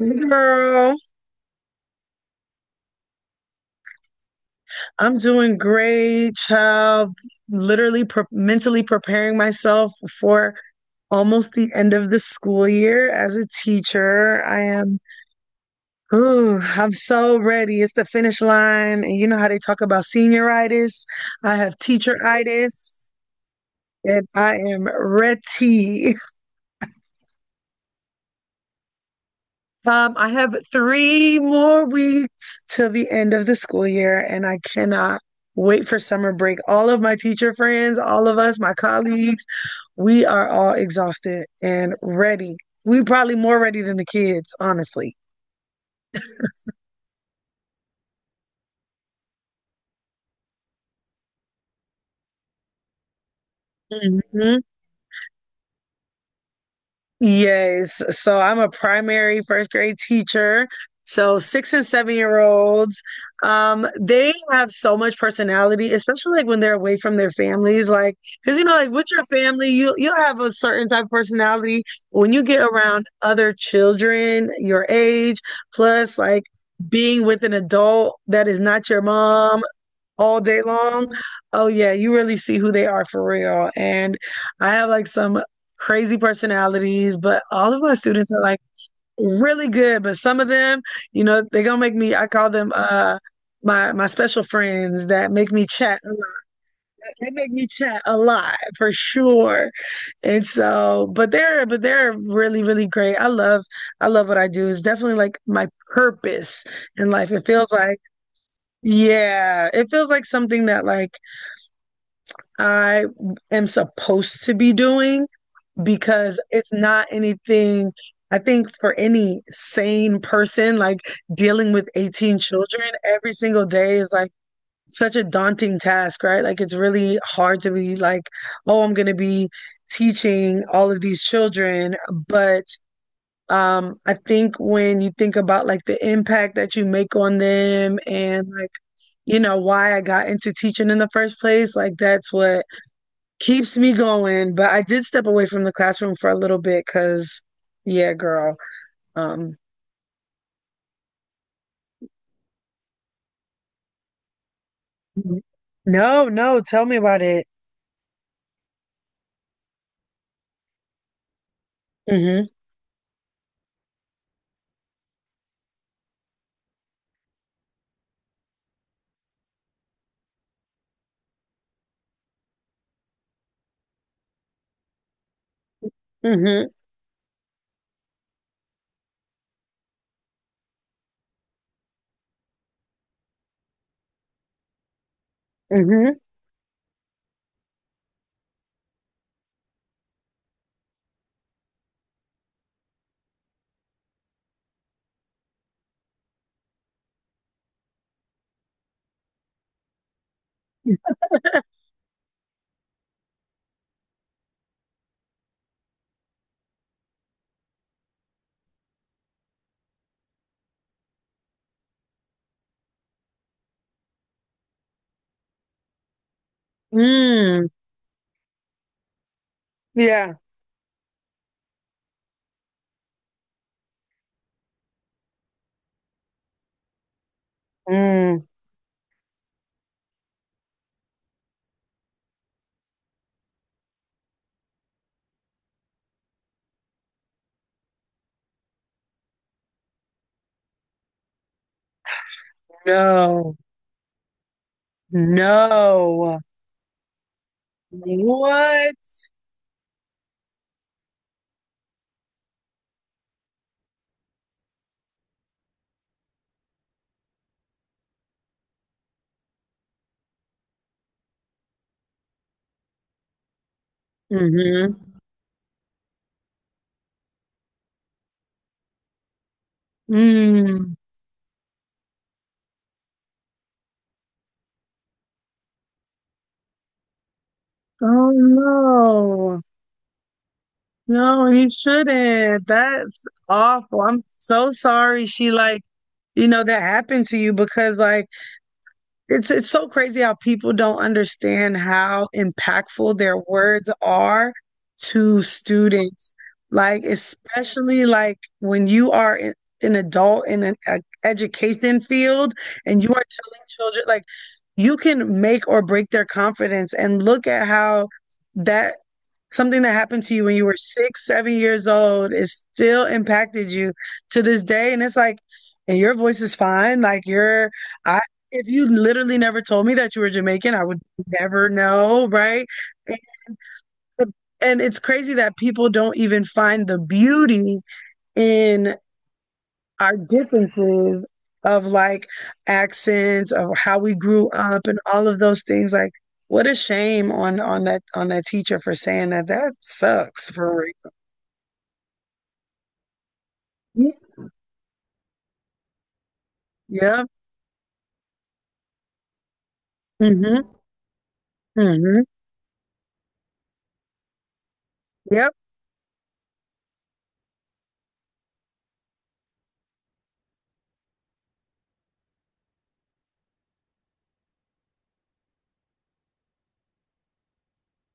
Girl, I'm doing great, child. Literally pre mentally preparing myself for almost the end of the school year as a teacher. I am, ooh, I'm so ready. It's the finish line. And you know how they talk about senioritis? I have teacheritis, and I am ready. I have 3 more weeks till the end of the school year, and I cannot wait for summer break. All of my teacher friends, all of us, my colleagues, we are all exhausted and ready. We probably more ready than the kids, honestly. Mhm. Yes. So I'm a primary first grade teacher. So 6 and 7 year olds, they have so much personality, especially like when they're away from their families. Like, because you know, like with your family, you'll have a certain type of personality. When you get around other children your age, plus like being with an adult that is not your mom all day long. Oh yeah, you really see who they are for real. And I have like some crazy personalities, but all of my students are like really good. But some of them, you know, they're gonna make me I call them my special friends that make me chat a lot. They make me chat a lot for sure. And so, but they're really, really great. I love what I do. It's definitely like my purpose in life. It feels like, yeah, it feels like something that like I am supposed to be doing because it's not anything. I think for any sane person, like dealing with 18 children every single day is like such a daunting task, right? Like it's really hard to be like, oh, I'm going to be teaching all of these children. But I think when you think about like the impact that you make on them and like, you know, why I got into teaching in the first place, like that's what keeps me going, but I did step away from the classroom for a little bit because, yeah, girl. Um, Mhm. No, no, tell me about it. Hmm. Hmm. Hmm. Mm, yeah. Mm, no, no. What? Hmm. Mm. Oh no. No, he shouldn't. That's awful. I'm so sorry she like, that happened to you because like it's so crazy how people don't understand how impactful their words are to students. Like especially like when you are in, an adult in an education field and you are telling children like you can make or break their confidence and look at how that something that happened to you when you were 6, 7 years old is still impacted you to this day. And it's like, and your voice is fine. Like your if you literally never told me that you were Jamaican, I would never know, right? And, the- and it's crazy that people don't even find the beauty in our differences of like accents, of how we grew up, and all of those things. Like, what a shame on that teacher for saying that. That sucks for real. Yeah. Mm-hmm. Mm-hmm. Yep.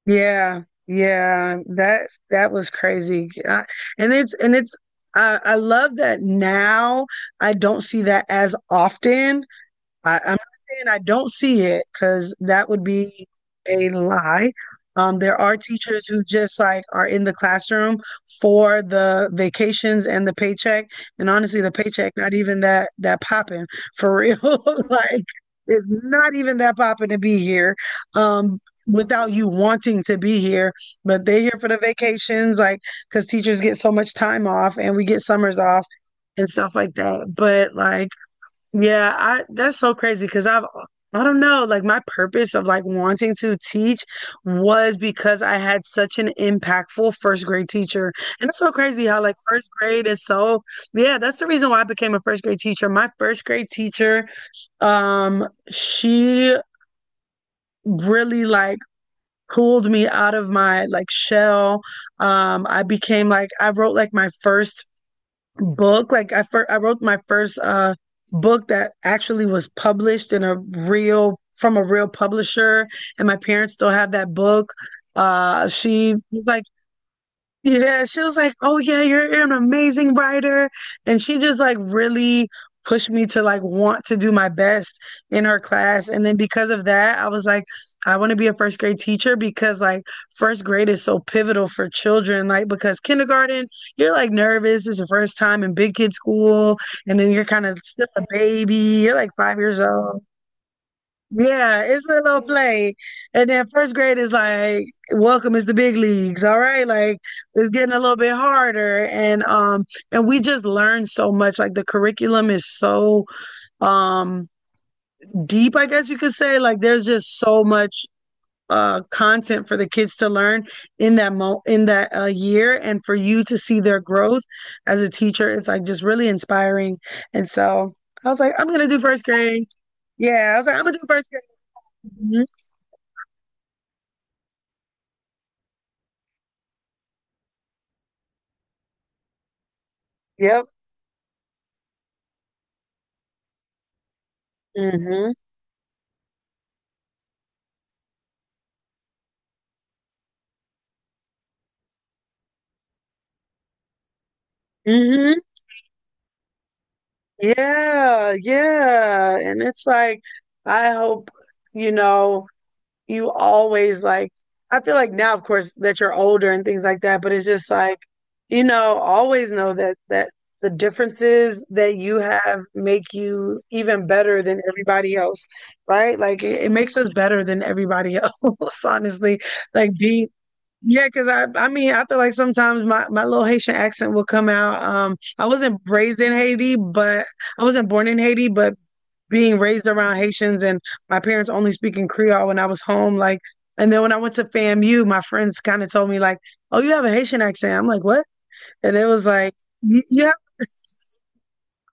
Yeah, yeah, that was crazy. I, and it's I love that now I don't see that as often I I'm not saying I don't see it because that would be a lie. There are teachers who just like are in the classroom for the vacations and the paycheck, and honestly, the paycheck not even that popping for real. Like, it's not even that popping to be here, um, without you wanting to be here. But they're here for the vacations, like because teachers get so much time off, and we get summers off and stuff like that. But like yeah, I that's so crazy because I don't know, like my purpose of like wanting to teach was because I had such an impactful first grade teacher. And it's so crazy how like first grade is so, yeah, that's the reason why I became a first grade teacher. My first grade teacher, um, she really like pulled me out of my like shell. I wrote like my first book. I wrote my first book that actually was published in a real from a real publisher, and my parents still have that book. She was like, yeah, she was like, "Oh yeah, you're an amazing writer." And she just like really pushed me to like want to do my best in her class. And then because of that, I was like, I want to be a first grade teacher because like first grade is so pivotal for children. Like because kindergarten, you're like nervous. It's your first time in big kid school, and then you're kind of still a baby. You're like 5 years old. Yeah, it's a little play. And then first grade is like, welcome is the big leagues. All right. Like it's getting a little bit harder. And we just learn so much. Like the curriculum is so um deep, I guess you could say. Like there's just so much content for the kids to learn in that year and for you to see their growth as a teacher it's like just really inspiring. And so I was like, I'm gonna do first grade. Yeah, I was like, I'm gonna do first grade. Mhm. Yep. Mm-hmm. Mm-hmm. Yeah, yeah. And it's like, I hope, you know. You always like I feel like now of course that you're older and things like that, but it's just like, always know that the differences that you have make you even better than everybody else, right? Like it makes us better than everybody else, honestly. Like being Yeah, because I mean I feel like sometimes my little Haitian accent will come out. I wasn't raised in Haiti, but I wasn't born in Haiti, but being raised around Haitians and my parents only speaking Creole when I was home, like and then when I went to FAMU, my friends kind of told me like, "Oh, you have a Haitian accent." I'm like, "What?" And it was like, "Yeah."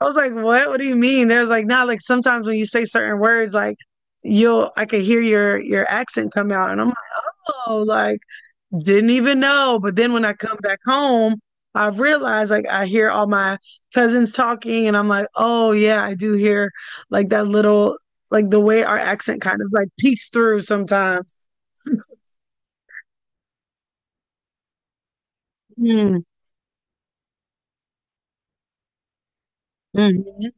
I was like, "What? What do you mean?" There's like, "Nah." Like sometimes when you say certain words, like you'll I could hear your accent come out, and I'm like, "Oh, like didn't even know." But then when I come back home, I realize like I hear all my cousins talking and I'm like, oh yeah, I do hear like that little like the way our accent kind of like peeks through sometimes. Mm. Mhm.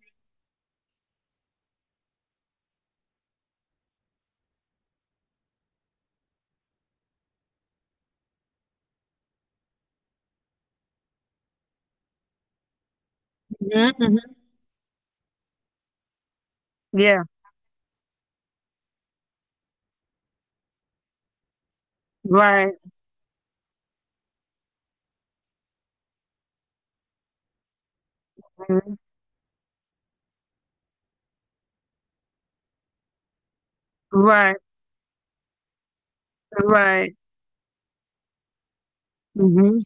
Mhm. Mhm. Yeah. Right. Mhm. Right. Right. Hmm.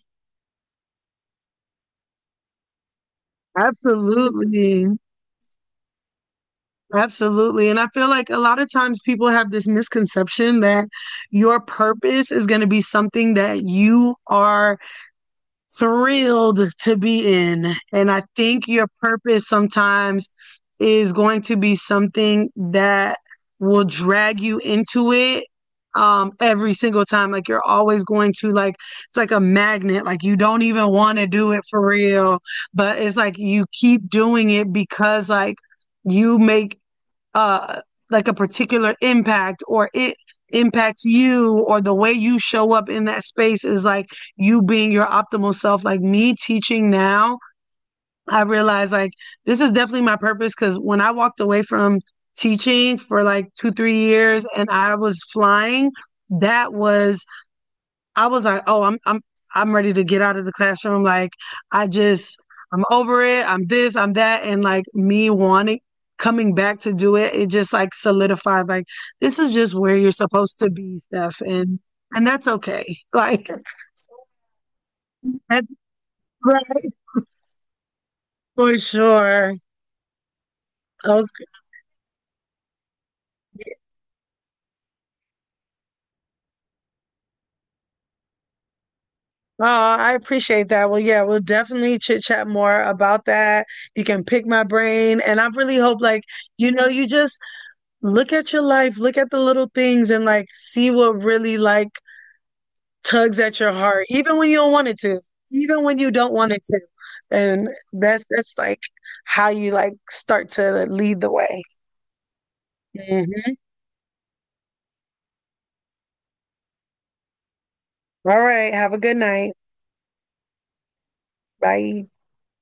Absolutely. Absolutely. And I feel like a lot of times people have this misconception that your purpose is going to be something that you are thrilled to be in. And I think your purpose sometimes is going to be something that will drag you into it every single time like you're always going to like it's like a magnet like you don't even want to do it for real but it's like you keep doing it because like you make uh like a particular impact or it impacts you or the way you show up in that space is like you being your optimal self like me teaching now I realize like this is definitely my purpose because when I walked away from teaching for like 2, 3 years and I was flying that was I was like, oh, I'm ready to get out of the classroom. Like I just I'm over it. I'm this, I'm that. And like me wanting coming back to do it, it just like solidified like this is just where you're supposed to be, Steph. And that's okay. Like that's right for sure. Okay. Oh, I appreciate that. Well, yeah, we'll definitely chit chat more about that. You can pick my brain. And I really hope like, you just look at your life, look at the little things and like see what really like tugs at your heart, even when you don't want it to, even when you don't want it to. And that's like how you like start to lead the way. Mhm. All right. Have a good night. Bye.